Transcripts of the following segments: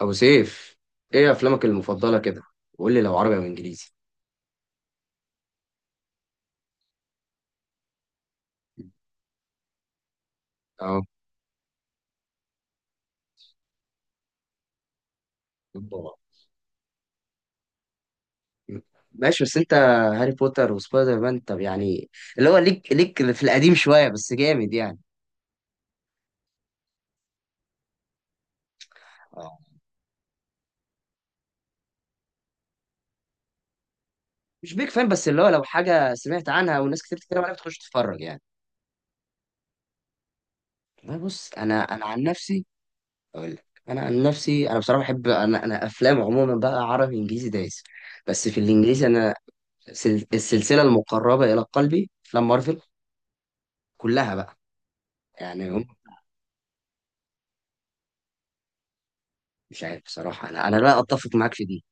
ابو سيف، ايه افلامك المفضله كده؟ وقول لي لو عربي او انجليزي. اه، طبعاً. ماشي، بس انت هاري بوتر وسبايدر مان؟ طب يعني اللي هو ليك ليك في القديم شويه بس جامد يعني. اه، مش بيك فان، بس اللي هو لو حاجه سمعت عنها وناس كتير بتتكلم عنها بتخش تتفرج يعني. والله بص، انا عن نفسي اقول لك، انا عن نفسي انا بصراحه بحب، انا افلام عموما بقى عربي انجليزي دايس. بس في الانجليزي انا السلسله المقربه الى قلبي افلام مارفل كلها بقى، يعني هم. مش عارف بصراحة، أنا لا أتفق معاك في دي.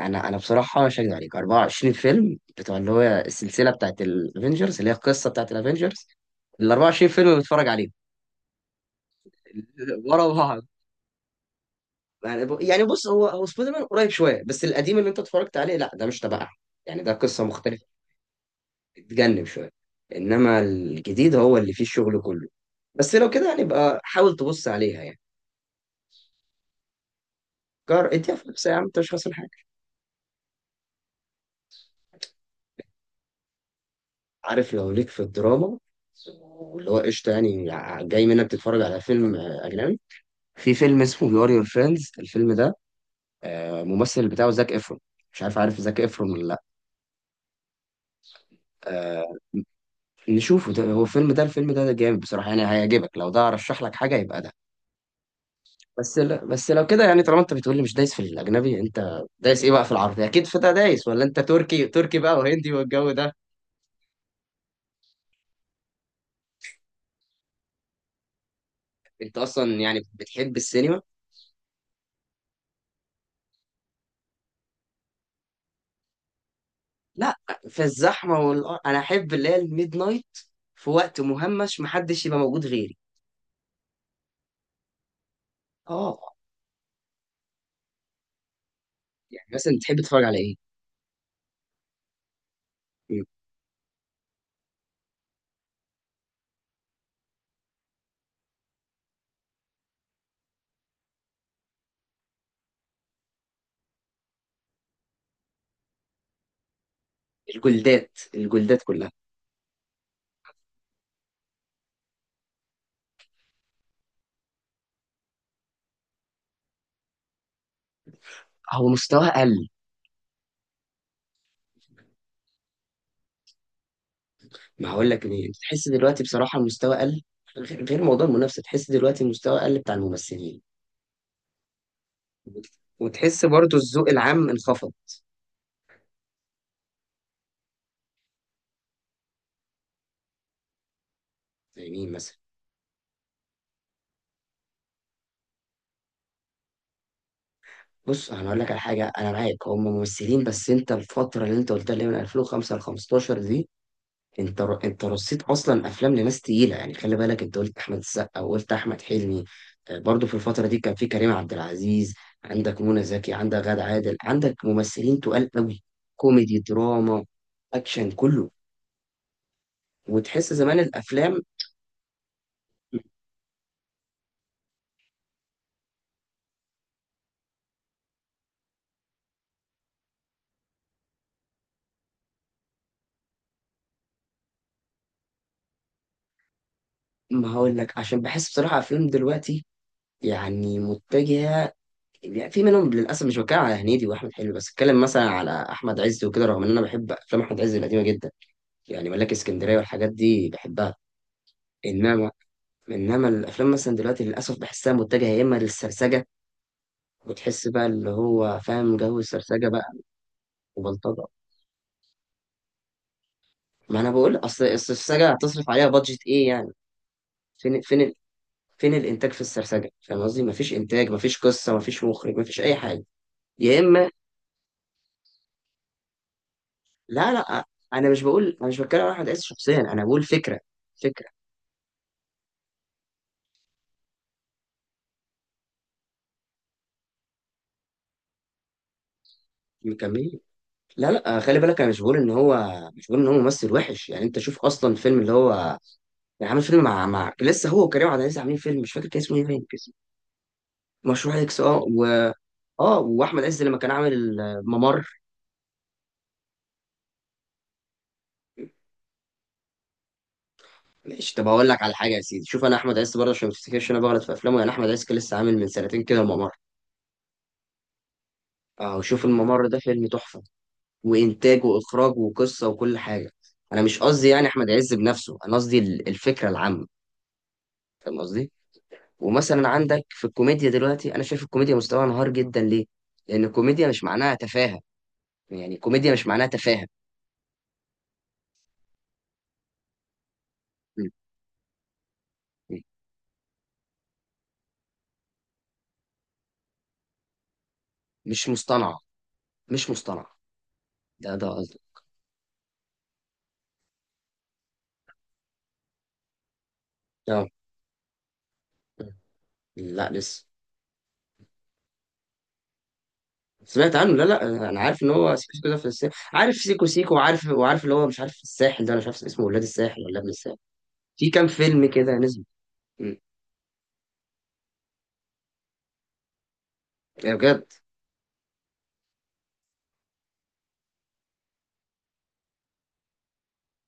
أنا بصراحة مش هكدب عليك، 24 فيلم بتوع اللي هو السلسلة بتاعت الأفينجرز، اللي هي القصة بتاعت الأفينجرز، ال 24 فيلم بتفرج عليهم ورا بعض. يعني بص هو سبايدر مان قريب شوية، بس القديم اللي أنت اتفرجت عليه لا ده مش تبعها. يعني ده قصة مختلفة، بتجنب شوية. إنما الجديد هو اللي فيه الشغل كله، بس لو كده هنبقى حاول تبص عليها يعني. جار اديها فرصة يا عم، أنت مش خسران حاجة. عارف لو ليك في الدراما واللي هو قشطة، يعني جاي منك تتفرج على فيلم، أجنبي. في فيلم اسمه يور فريندز، الفيلم ده الممثل بتاعه زاك إفرون. مش عارف، عارف زاك إفرون ولا لأ؟ آه، نشوفه، ده هو الفيلم ده، الفيلم ده جامد بصراحة يعني، هيعجبك. لو ده أرشح لك حاجة يبقى ده. بس لا، بس لو كده يعني، طالما أنت بتقولي مش دايس في الأجنبي، أنت دايس إيه بقى؟ في العربي أكيد في ده دايس، ولا أنت تركي تركي بقى وهندي والجو ده؟ أنت أصلا يعني بتحب السينما؟ لا، في الزحمه انا احب اللي هي الميد نايت، في وقت مهمش محدش يبقى موجود غيري. اه، يعني مثلا تحب تتفرج على ايه؟ مم. الجلدات الجلدات كلها. هو مستوى قل. ما هقول لك ليه، تحس دلوقتي بصراحه المستوى قل. غير موضوع المنافسه، تحس دلوقتي المستوى قل بتاع الممثلين، وتحس برضو الذوق العام انخفض. زي مين مثلا؟ بص انا اقول لك على حاجه، انا معاك هم ممثلين، بس انت الفتره اللي انت قلتها اللي هي من 2005 ل 15 دي، انت رصيت اصلا افلام لناس تقيله يعني. خلي بالك انت قلت احمد السقا وقلت احمد حلمي. برضو في الفتره دي كان في كريم عبد العزيز، عندك منى زكي، عندك غادة عادل، عندك ممثلين تقال قوي. كوميدي، دراما، اكشن، كله. وتحس زمان الافلام. ما هقول لك، عشان بحس بصراحه افلام دلوقتي يعني متجهه. يعني في منهم للاسف، مش بتكلم على هنيدي واحمد حلمي بس، اتكلم مثلا على احمد عز وكده، رغم ان انا بحب افلام احمد عز القديمه جدا. يعني ملاك اسكندريه والحاجات دي بحبها. انما، انما الافلام مثلا دلوقتي للاسف بحسها متجهه يا اما للسرسجه، وتحس بقى اللي هو فاهم جو السرسجه بقى، وبلطجه. ما انا بقول، اصل السرسجه هتصرف عليها بادجت ايه يعني؟ فين فين الانتاج في السرسجه؟ فاهم قصدي؟ مفيش انتاج، مفيش قصه، مفيش مخرج، مفيش اي حاجه. يا اما لا لا، انا مش بقول، انا مش بتكلم على احمد عز شخصيا، انا بقول فكره، فكره. مكمل. لا لا، خلي بالك، انا مش بقول ان هو، مش بقول ان هو ممثل وحش يعني. انت شوف اصلا الفيلم اللي هو، يعني عامل فيلم مع لسه هو وكريم عبد العزيز عاملين فيلم، مش فاكر كان اسمه ايه. باين كان اسمه مشروع اكس. اه اه، واحمد عز لما كان عامل الممر. ماشي، طب هقول لك على حاجه يا سيدي، شوف انا احمد عز برضه عشان ما تفتكرش انا بغلط في افلامه يعني، احمد عز كان لسه عامل من سنتين كده الممر. اه، وشوف الممر ده فيلم تحفه، وانتاج واخراج وقصه وكل حاجه. انا مش قصدي يعني احمد عز بنفسه، انا قصدي الفكره العامه. فاهم قصدي؟ ومثلا عندك في الكوميديا دلوقتي، انا شايف الكوميديا مستواها انهار جدا. ليه؟ لان الكوميديا مش معناها تفاهه، يعني الكوميديا مش معناها تفاهه. م. مش مصطنعة، مش مصطنعة. ده ده قصدي. اه. لا لسه. سمعت عنه، لا لا، انا عارف ان هو سيكو سيكو ده في الساحل، عارف سيكو سيكو، وعارف اللي هو مش عارف الساحل ده، انا مش عارف اسمه ولاد الساحل ولا ابن الساحل. في كام فيلم كده نزل؟ مم. يا بجد؟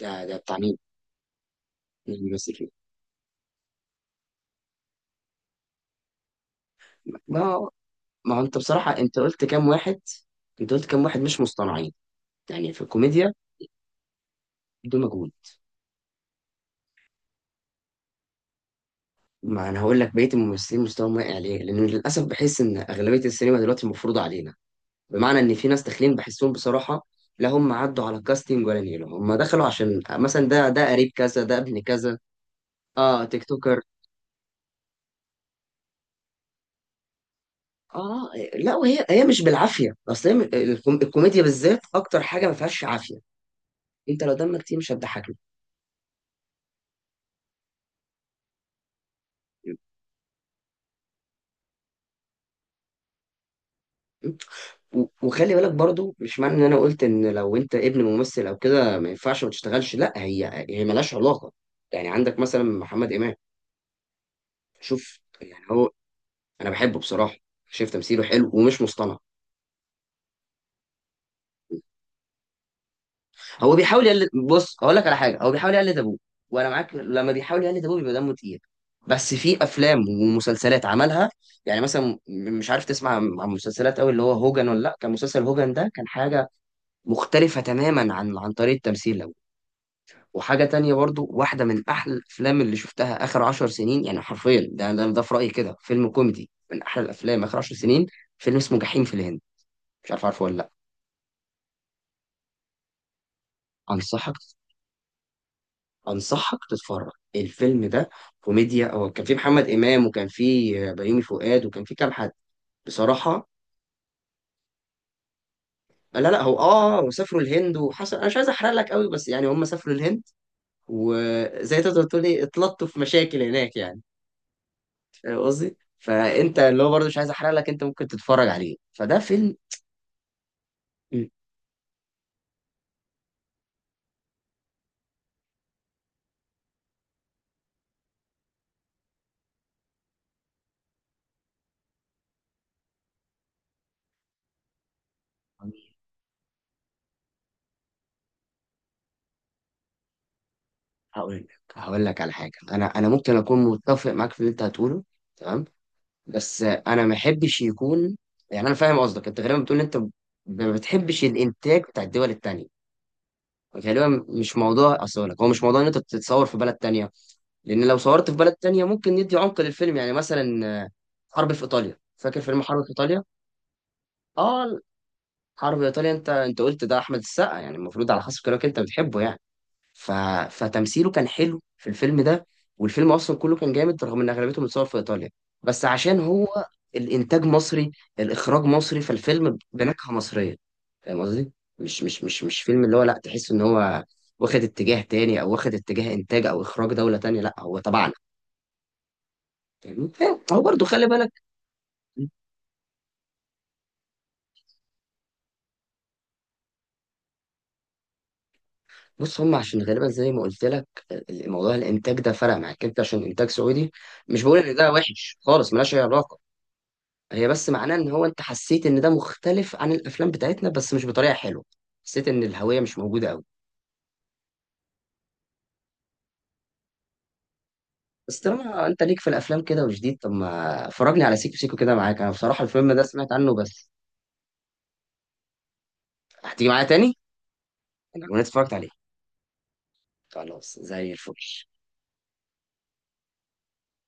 ده بتاع مين؟ مين اللي بيمثل فيه؟ ما ما هو انت بصراحة انت قلت كام واحد، انت قلت كام واحد مش مصطنعين يعني في الكوميديا. دول مجهول. ما انا هقول لك، بقية الممثلين مستواهم واقع ليه؟ لان للاسف بحس ان اغلبية السينما دلوقتي مفروضة علينا، بمعنى ان في ناس داخلين بحسهم بصراحه، لا هم عدوا على كاستنج ولا نيله، هم دخلوا عشان مثلا ده، ده قريب كذا، ده ابن كذا. اه، تيك توكر. اه لا، وهي هي مش بالعافيه، اصل هي الكوميديا بالذات اكتر حاجه ما فيهاش عافيه. انت لو دمك كتير مش هتضحكني. وخلي بالك برضو، مش معنى ان انا قلت ان لو انت ابن ممثل او كده ما ينفعش ما تشتغلش، لا، هي هي ملهاش علاقه. يعني عندك مثلا محمد امام، شوف يعني هو. انا بحبه بصراحه، شايف تمثيله حلو ومش مصطنع. هو بيحاول يقلد، بص هقول لك على حاجه، هو بيحاول يقلد ابوه، وانا معاك، لما بيحاول يقلد ابوه بيبقى دمه تقيل. بس في افلام ومسلسلات عملها، يعني مثلا مش عارف تسمع عن مسلسلات قوي اللي هو هوجن ولا لا. كان مسلسل هوجن ده كان حاجه مختلفه تماما عن طريقه تمثيل ابوه. وحاجه تانية برضو، واحده من احلى الافلام اللي شفتها اخر عشر سنين يعني، حرفيا، ده ده, ده في رايي كده فيلم كوميدي من احلى الافلام اخر عشر سنين. فيلم اسمه جحيم في الهند، مش عارف عارفه ولا لا. انصحك، انصحك تتفرج الفيلم ده. كوميديا، هو كان فيه محمد امام، وكان فيه بيومي فؤاد، وكان فيه كام حد بصراحه. لا لا، هو اه هو سافروا الهند وحصل، انا مش عايز احرق لك قوي، بس يعني هم سافروا الهند، وزي تقدر تقول ايه، اتلطوا في مشاكل هناك يعني. فاهم قصدي؟ فانت اللي هو برضه، مش عايز احرق لك، انت ممكن تتفرج عليه، فده فيلم. مم. هقول لك، هقول لك على حاجه، انا ممكن اكون متفق معاك في اللي انت هتقوله، تمام؟ بس انا ما احبش يكون، يعني انا فاهم قصدك، انت غالبا بتقول إن انت ما بتحبش الانتاج بتاع الدول التانية. غالبا مش موضوع، اصل أقول لك، هو مش موضوع ان انت بتتصور في بلد تانية، لان لو صورت في بلد تانية ممكن ندي عمق للفيلم. يعني مثلا حرب في ايطاليا، فاكر فيلم حرب في ايطاليا؟ اه، حرب ايطاليا، انت قلت ده احمد السقا يعني، المفروض على حسب كلامك انت بتحبه يعني. ف... فتمثيله كان حلو في الفيلم ده، والفيلم اصلا كله كان جامد، رغم ان اغلبيته متصور في ايطاليا، بس عشان هو الانتاج مصري، الاخراج مصري، فالفيلم بنكهه مصريه. فاهم قصدي؟ مش فيلم اللي هو، لا، تحس ان هو واخد اتجاه تاني، او واخد اتجاه انتاج او اخراج دوله تانيه، لا هو تبعنا. فاهمني؟ فاهم؟ هو برضو خلي بالك. بص هم عشان غالبا زي ما قلت لك، الموضوع الانتاج ده فرق معاك انت عشان انتاج سعودي. مش بقول ان ده وحش خالص، ملهاش اي علاقه، هي بس معناه ان هو انت حسيت ان ده مختلف عن الافلام بتاعتنا، بس مش بطريقه حلوه، حسيت ان الهويه مش موجوده قوي. بس طالما انت ليك في الافلام كده وجديد، طب ما فرجني على سيكو سيكو كده معاك، انا بصراحه الفيلم ده سمعت عنه بس. هتيجي معايا تاني؟ انا اتفرجت عليه، خلاص زي الفل.